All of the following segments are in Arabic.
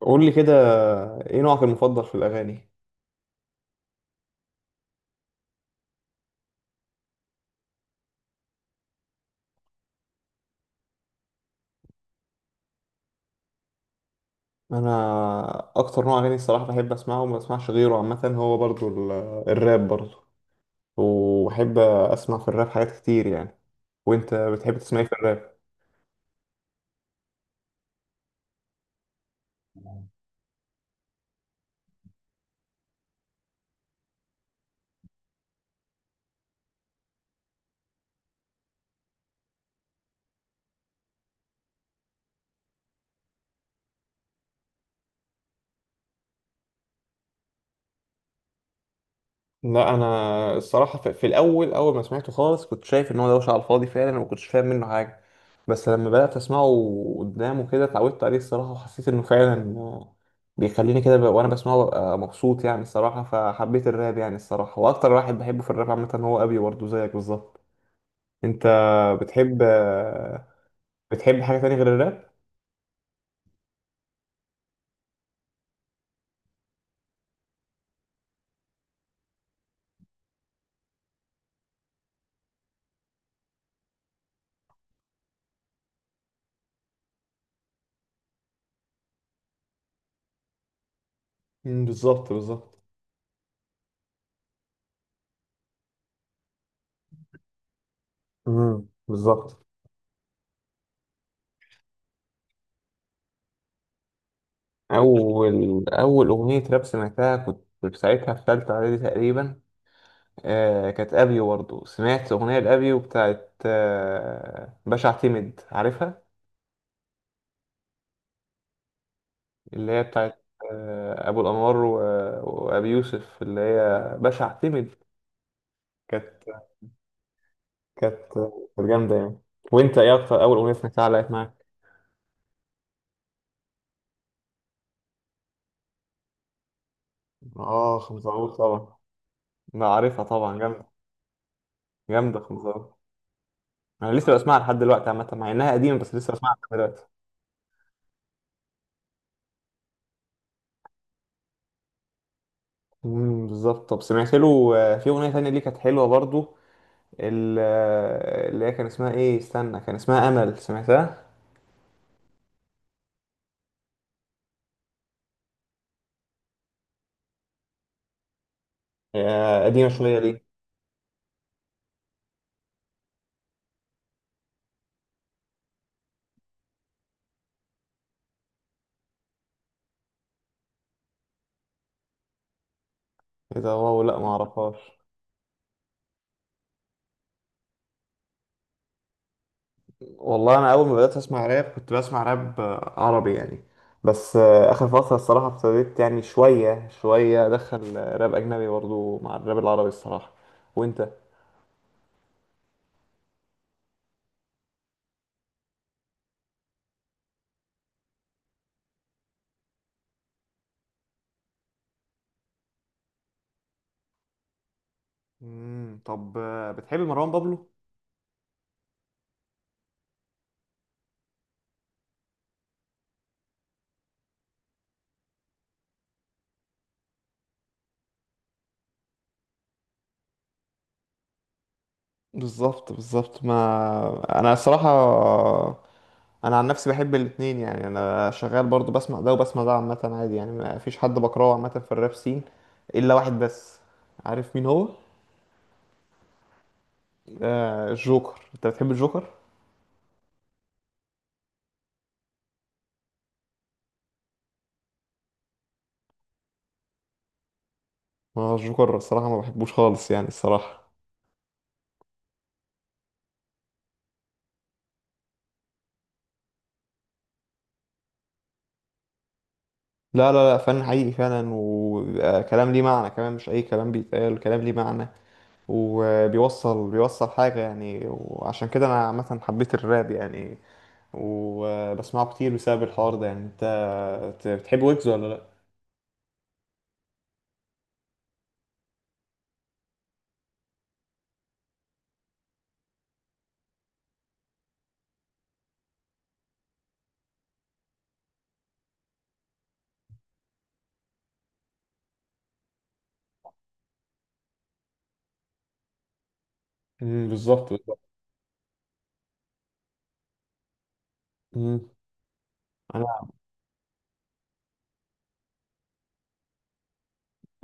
قول لي كده، ايه نوعك المفضل في الاغاني؟ انا اكتر نوع اغاني الصراحه بحب اسمعه وما بسمعش غيره، عامه هو برضو الراب برضو. وبحب اسمع في الراب حاجات كتير يعني. وانت بتحب تسمع ايه في الراب؟ لا، انا الصراحه في الاول، اول ما سمعته خالص كنت شايف ان هو دوشه على الفاضي فعلا، وما كنتش فاهم منه حاجه. بس لما بدات اسمعه قدامه كده اتعودت عليه الصراحه، وحسيت انه فعلا بيخليني كده وانا بسمعه ببقى مبسوط يعني الصراحه. فحبيت الراب يعني الصراحه، واكتر واحد بحبه في الراب عامه هو ابي برضه زيك بالظبط. انت بتحب آه، بتحب حاجه تانية غير الراب؟ مم، بالظبط بالظبط. بالظبط. اول اغنيه راب سمعتها كنت ساعتها في ثالثه اعدادي تقريبا. آه، كانت ابيو برضه، سمعت اغنيه لابيو بتاعت باشا اعتمد، عارفها؟ اللي هي بتاعت آه، ابو الانوار وابي يوسف، اللي هي باشا اعتمد. كانت كانت جامده يعني. وانت ايه اكتر اول اغنيه سمعتها علقت معاك؟ اه، خمسة عروس طبعا. لا، عارفها طبعا، جامده. جامده خمسة عروس. انا لسه بسمعها لحد دلوقتي عامه، مع انها قديمه بس لسه بسمعها لحد دلوقتي. بالظبط. طب سمعت له في اغنيه تانية ليه كانت حلوه برضو، ال- اللي هي كان اسمها ايه، استنى، كان اسمها امل، سمعتها؟ هي قديمه شويه دي. ايه ده! واو، لا ما اعرفهاش. والله انا اول ما بدات اسمع راب كنت بسمع راب عربي يعني. بس اخر فتره الصراحه ابتديت يعني شويه شويه ادخل راب اجنبي برضو مع الراب العربي الصراحه. وانت؟ طب بتحب مروان بابلو؟ بالظبط بالظبط. ما انا الصراحه انا عن نفسي بحب الاتنين يعني، انا شغال برضو بسمع ده وبسمع ده عامه عادي يعني، ما فيش حد بكرهه عامه في الراب سين. الا واحد بس. عارف مين هو؟ آه، الجوكر. انت بتحب الجوكر؟ ما الجوكر الصراحه ما بحبوش خالص يعني الصراحه. لا لا لا، فن حقيقي فعلا، وبيبقى كلام ليه معنى كمان، مش اي كلام بيتقال، كلام ليه معنى. وبيوصل حاجه يعني، وعشان كده انا عامه حبيت الراب يعني. وبسمعه كتير بسبب الحوار ده يعني. انت بتحب ويجز ولا لا؟ بالظبط. مم. انا،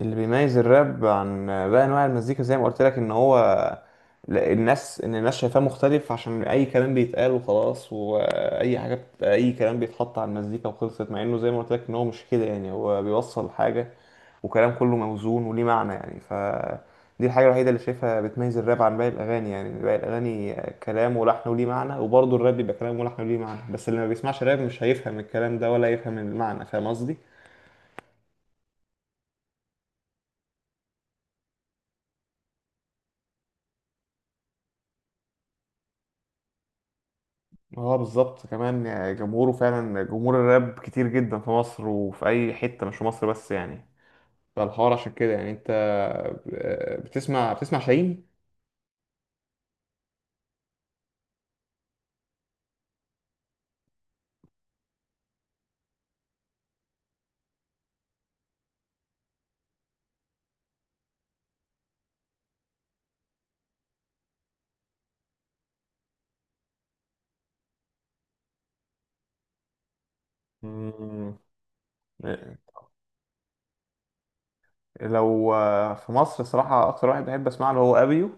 اللي بيميز الراب عن باقي انواع المزيكا زي ما قلت لك ان هو الناس، ان الناس شايفاه مختلف عشان اي كلام بيتقال وخلاص، اي كلام بيتحط على المزيكا وخلصت، مع انه زي ما قلت لك ان هو مش كده يعني، هو بيوصل حاجه. وكلام كله موزون وليه معنى يعني ف دي الحاجه الوحيده اللي شايفها بتميز الراب عن باقي الاغاني يعني. باقي الاغاني كلام ولحن وليه معنى، وبرضه الراب بيبقى كلام ولحن وليه معنى، بس اللي ما بيسمعش راب مش هيفهم الكلام ده ولا يفهم المعنى، فاهم قصدي؟ اه بالظبط كمان يعني، جمهوره فعلا جمهور الراب كتير جدا في مصر وفي اي حتة، مش في مصر بس يعني. فالحوار عشان كده يعني. انت بتسمع شاهين؟ مم. لو في مصر الصراحة اكتر واحد بحب اسمع له هو ابيو.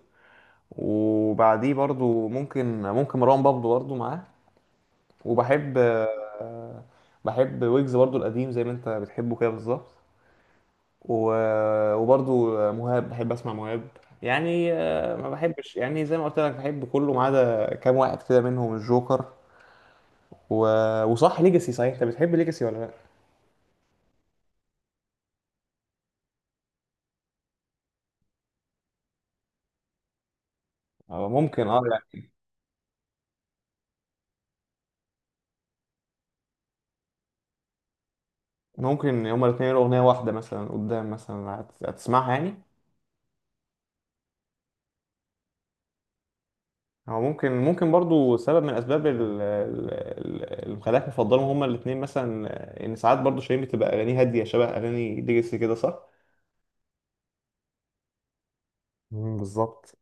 وبعديه برضو ممكن مروان بابلو برضو معاه. وبحب آه، بحب ويجز برضو القديم زي ما انت بتحبه كده بالظبط. وبرضو مهاب، بحب اسمع مهاب يعني. ما بحبش يعني، زي ما قلت لك بحب كله ما عدا كام واحد كده منهم الجوكر و... وصح، ليجاسي، صحيح انت بتحب ليجاسي ولا لا؟ ممكن اه يعني. ممكن هما الاثنين يقولوا اغنيه واحده مثلا قدام، مثلا هتسمعها يعني. هو ممكن برضو سبب من الاسباب اللي مخليك مفضلهم هما الاثنين مثلا. ان ساعات برضو شيرين بتبقى اغانيه هاديه شبه اغاني ليجاسي كده، صح؟ مم، بالظبط.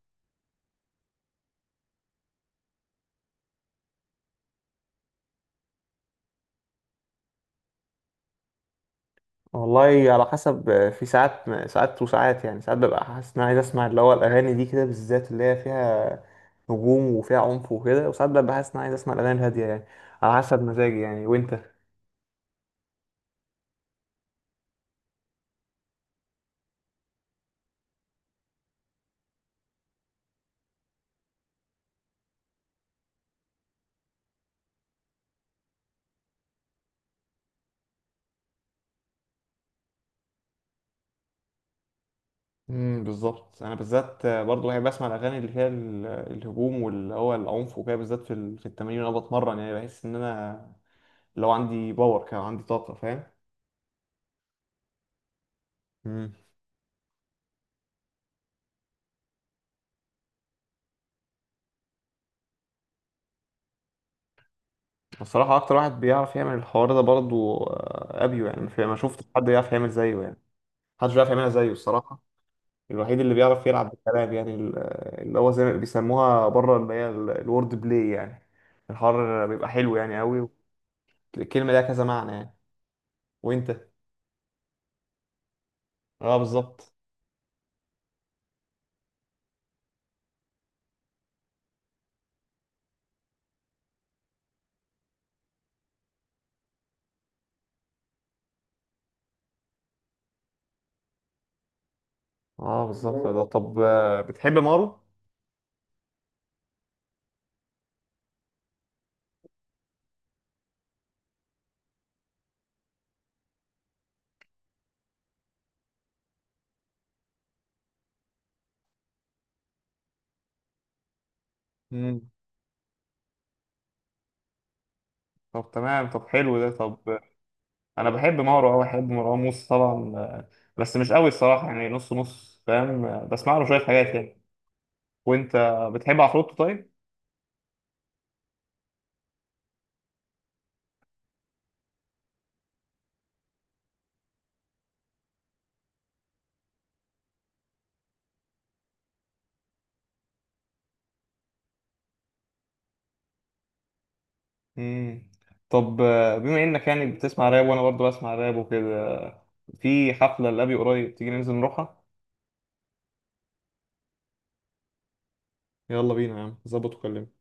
والله على حسب، في ساعات ساعات وساعات يعني، ساعات ببقى حاسس ان انا عايز اسمع اللي هو الاغاني دي كده، بالذات اللي هي فيها هجوم وفيها عنف وكده. وساعات ببقى حاسس ان انا عايز اسمع الاغاني الهاديه يعني، على حسب مزاجي يعني. وانت؟ بالظبط. انا بالذات برضه بحب اسمع الاغاني اللي فيها الهجوم واللي هو العنف وكده، بالذات في التمارين، وانا بتمرن يعني بحس ان انا لو عندي باور كده، عندي طاقه، فاهم. مم. الصراحه اكتر واحد بيعرف يعمل الحوار ده برضه ابيو يعني. ما شفتش حد يعرف يعمل زيه يعني. محدش بيعرف يعملها زيه الصراحة. الوحيد اللي بيعرف يلعب بالكلام يعني اللي هو زي ما بيسموها بره اللي هي الورد بلاي يعني. الحوار بيبقى حلو يعني قوي. الكلمة ليها كذا معنى يعني. وانت؟ اه بالظبط. اه بالظبط. ده طب بتحب مارو؟ مم. طب تمام، طب حلو ده. طب انا بحب مارو، اه بحب مروان موسى طبعا بس مش قوي الصراحة يعني، نص نص، فاهم. بسمع له شوية حاجات يعني. وانت بتحب عفروتو طيب؟ مم. طب بما انك يعني بتسمع راب وانا برضه بسمع راب وكده، في حفلة لأبي قريب، تيجي ننزل نروحها؟ يلا بينا يا عم، ظبط وكلمني.